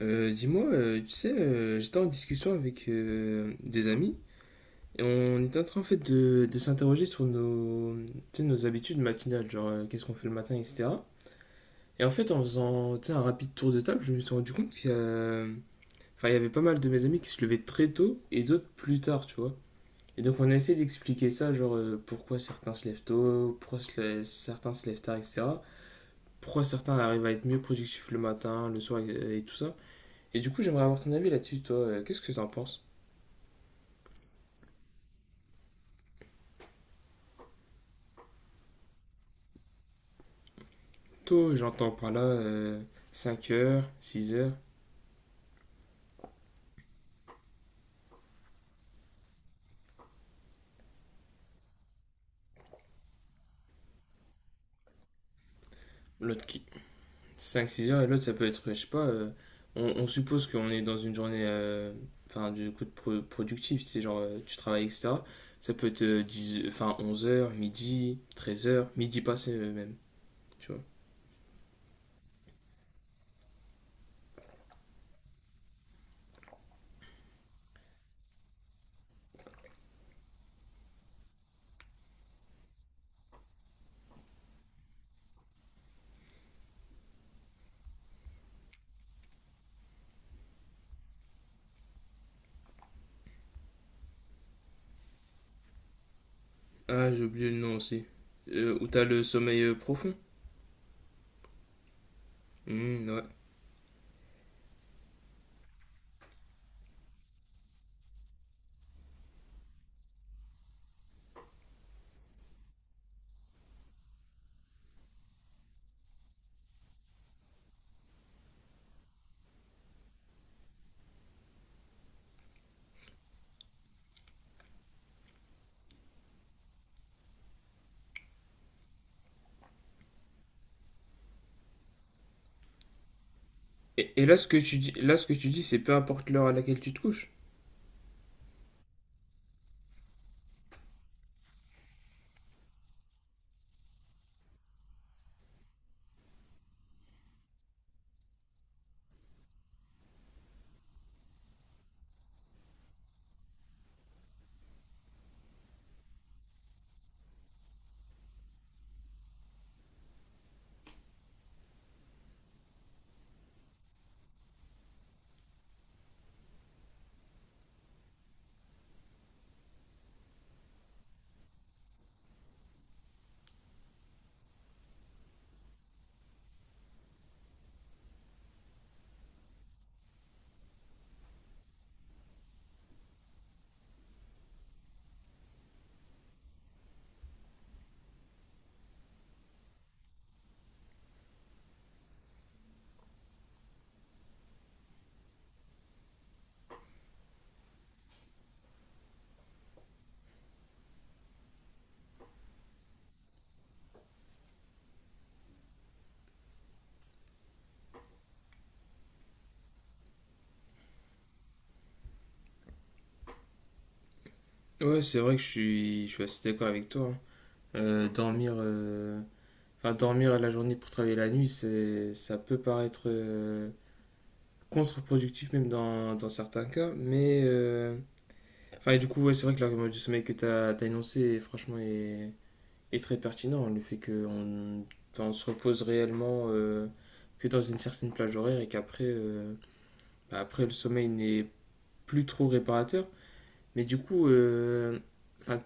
J'étais en discussion avec des amis et on était en train en fait de s'interroger sur nos, nos habitudes matinales, genre qu'est-ce qu'on fait le matin, etc. Et en fait, en faisant un rapide tour de table, je me suis rendu compte enfin, il y avait pas mal de mes amis qui se levaient très tôt et d'autres plus tard, tu vois. Et donc on a essayé d'expliquer ça, genre pourquoi certains se lèvent tôt, certains se lèvent tard, etc. Pourquoi certains arrivent à être mieux productifs le matin, le soir et tout ça. Et du coup, j'aimerais avoir ton avis là-dessus, toi. Qu'est-ce que t'en penses? Tôt, j'entends par là 5 heures, 6 heures. L'autre qui... Cinq, six heures et l'autre, ça peut être, je sais pas, euh, on suppose qu'on est dans une journée, enfin, du coup, productif, c'est genre, tu travailles, etc. Ça peut être 10, enfin, 11 heures, midi, 13 heures, midi passé même, tu vois. Ah, j'ai oublié le nom aussi. Où t'as le sommeil profond. Hmm, ouais. Et là, ce que tu dis, là, ce que tu dis, c'est peu importe l'heure à laquelle tu te couches. Ouais, c'est vrai que je suis assez d'accord avec toi, hein. Euh, dormir, euh, enfin, dormir la journée pour travailler la nuit, ça peut paraître contre-productif même dans certains cas. Mais enfin, et du coup, ouais, c'est vrai que l'argument du sommeil que tu as énoncé, franchement, est très pertinent. Le fait qu'on enfin, on se repose réellement que dans une certaine plage horaire et qu'après, bah, après, le sommeil n'est plus trop réparateur. Mais du coup, enfin,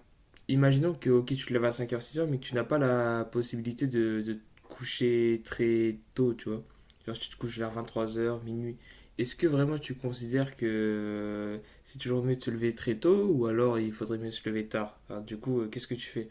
imaginons que ok, tu te lèves à cinq heures six heures mais que tu n'as pas la possibilité de te coucher très tôt, tu vois. Genre, tu te couches vers vingt trois heures minuit. Est-ce que vraiment tu considères que c'est toujours mieux de se lever très tôt ou alors il faudrait mieux se lever tard? Enfin, du coup, qu'est-ce que tu fais?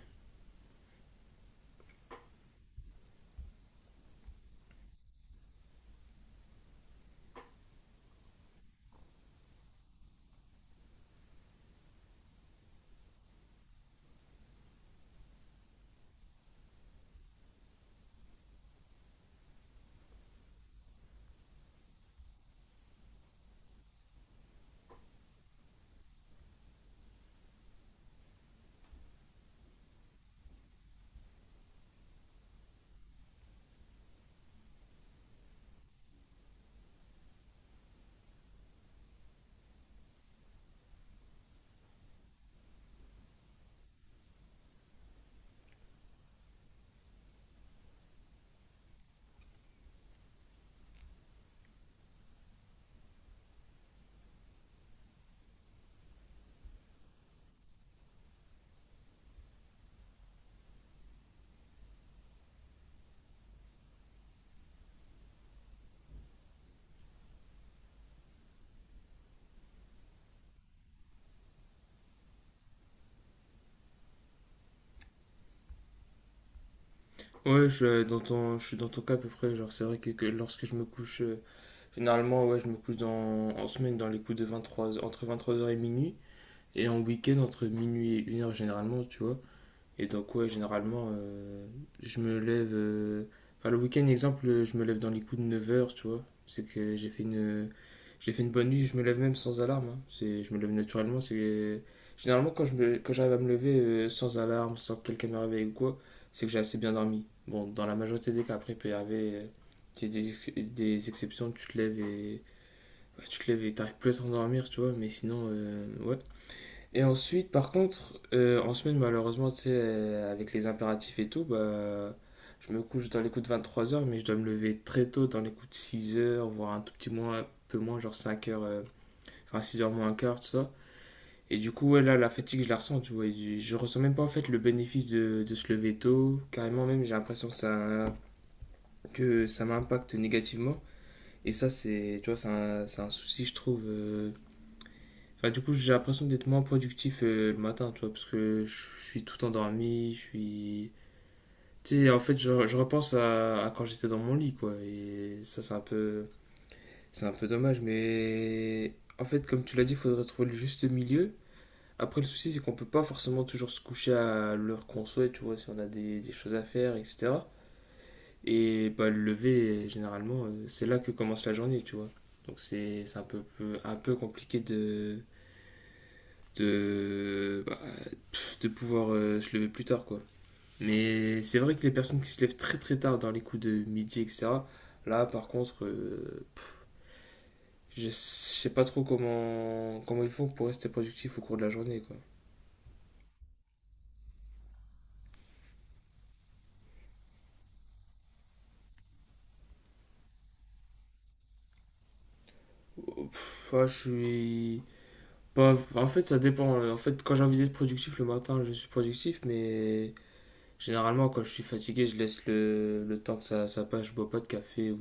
Ouais, je suis je suis dans ton cas à peu près. Genre, c'est vrai que lorsque je me couche, généralement, ouais, je me couche en semaine dans les coups de vingt trois entre 23 heures et minuit. Et en week-end, entre minuit et une heure généralement, tu vois. Et donc, ouais, généralement, je me lève. Enfin, le week-end, exemple, je me lève dans les coups de neuf heures tu vois. C'est que j'ai fait une bonne nuit, je me lève même sans alarme, hein. C'est, je me lève naturellement. C'est, généralement, quand j'arrive à me lever sans alarme, sans que quelqu'un me réveille ou quoi, c'est que j'ai assez bien dormi. Bon, dans la majorité des cas, après, il peut y arriver des exceptions, tu te lèves et. Bah, tu te lèves et t'arrives plus à t'endormir, tu vois, mais sinon, ouais. Et ensuite, par contre, en semaine, malheureusement, tu sais, avec les impératifs et tout, bah, je me couche dans les coups de 23 heures mais je dois me lever très tôt, dans les coups de six heures voire un tout petit moins, un peu moins, genre cinq heures enfin six heures moins un quart, tout ça. Et du coup, ouais, là, la fatigue, je la ressens, tu vois. Et je ressens même pas, en fait, le bénéfice de se lever tôt. Carrément, même, j'ai l'impression que ça m'impacte négativement. Et ça, tu vois, c'est un souci, je trouve, enfin, du coup, j'ai l'impression d'être moins productif le matin, tu vois, parce que je suis tout endormi, je suis... Tu sais, en fait, je repense à quand j'étais dans mon lit, quoi, et ça, c'est un peu... C'est un peu dommage, mais... En fait, comme tu l'as dit, il faudrait trouver le juste milieu. Après, le souci, c'est qu'on peut pas forcément toujours se coucher à l'heure qu'on souhaite, tu vois, si on a des choses à faire, etc. Et bah, le lever, généralement, c'est là que commence la journée, tu vois. Donc c'est un peu, un peu compliqué de bah, de pouvoir se lever plus tard, quoi. Mais c'est vrai que les personnes qui se lèvent très très tard dans les coups de midi, etc., là par contre, je sais pas trop comment ils font pour rester productif au cours de la journée, quoi. Oh, pff, ouais, je suis. Pas- en fait, ça dépend. En fait, quand j'ai envie d'être productif le matin, je suis productif, mais généralement, quand je suis fatigué, je laisse le temps ça passe, je bois pas de café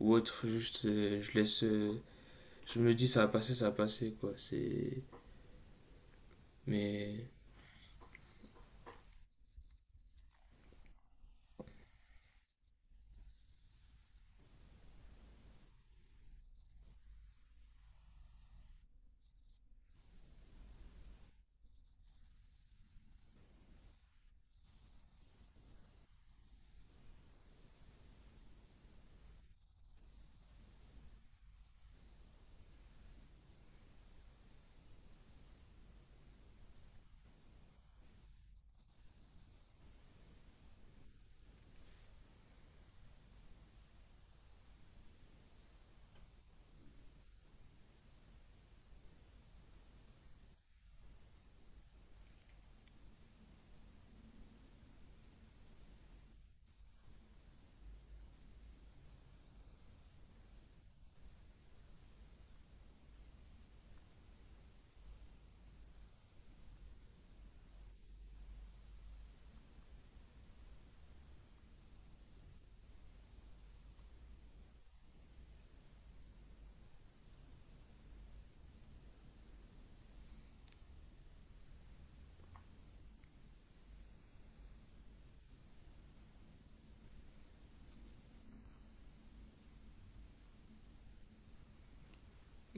ou autre, juste je me dis, ça va passer, quoi. C'est. Mais.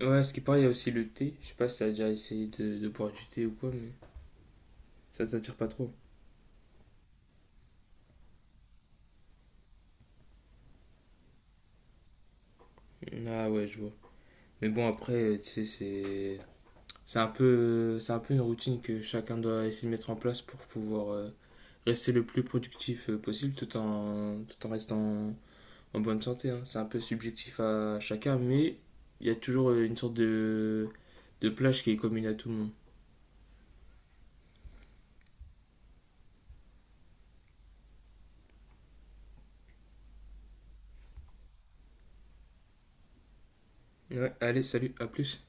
Ouais, ce qui paraît, il y a aussi le thé. Je sais pas si t'as déjà essayé de boire du thé ou quoi, mais ça t'attire pas trop. Ah ouais, je vois. Mais bon, après, tu sais, c'est. C'est un peu une routine que chacun doit essayer de mettre en place pour pouvoir rester le plus productif possible tout en restant en bonne santé, hein. C'est un peu subjectif à chacun, mais il y a toujours une sorte de plage qui est commune à tout le monde. Ouais, allez, salut, à plus.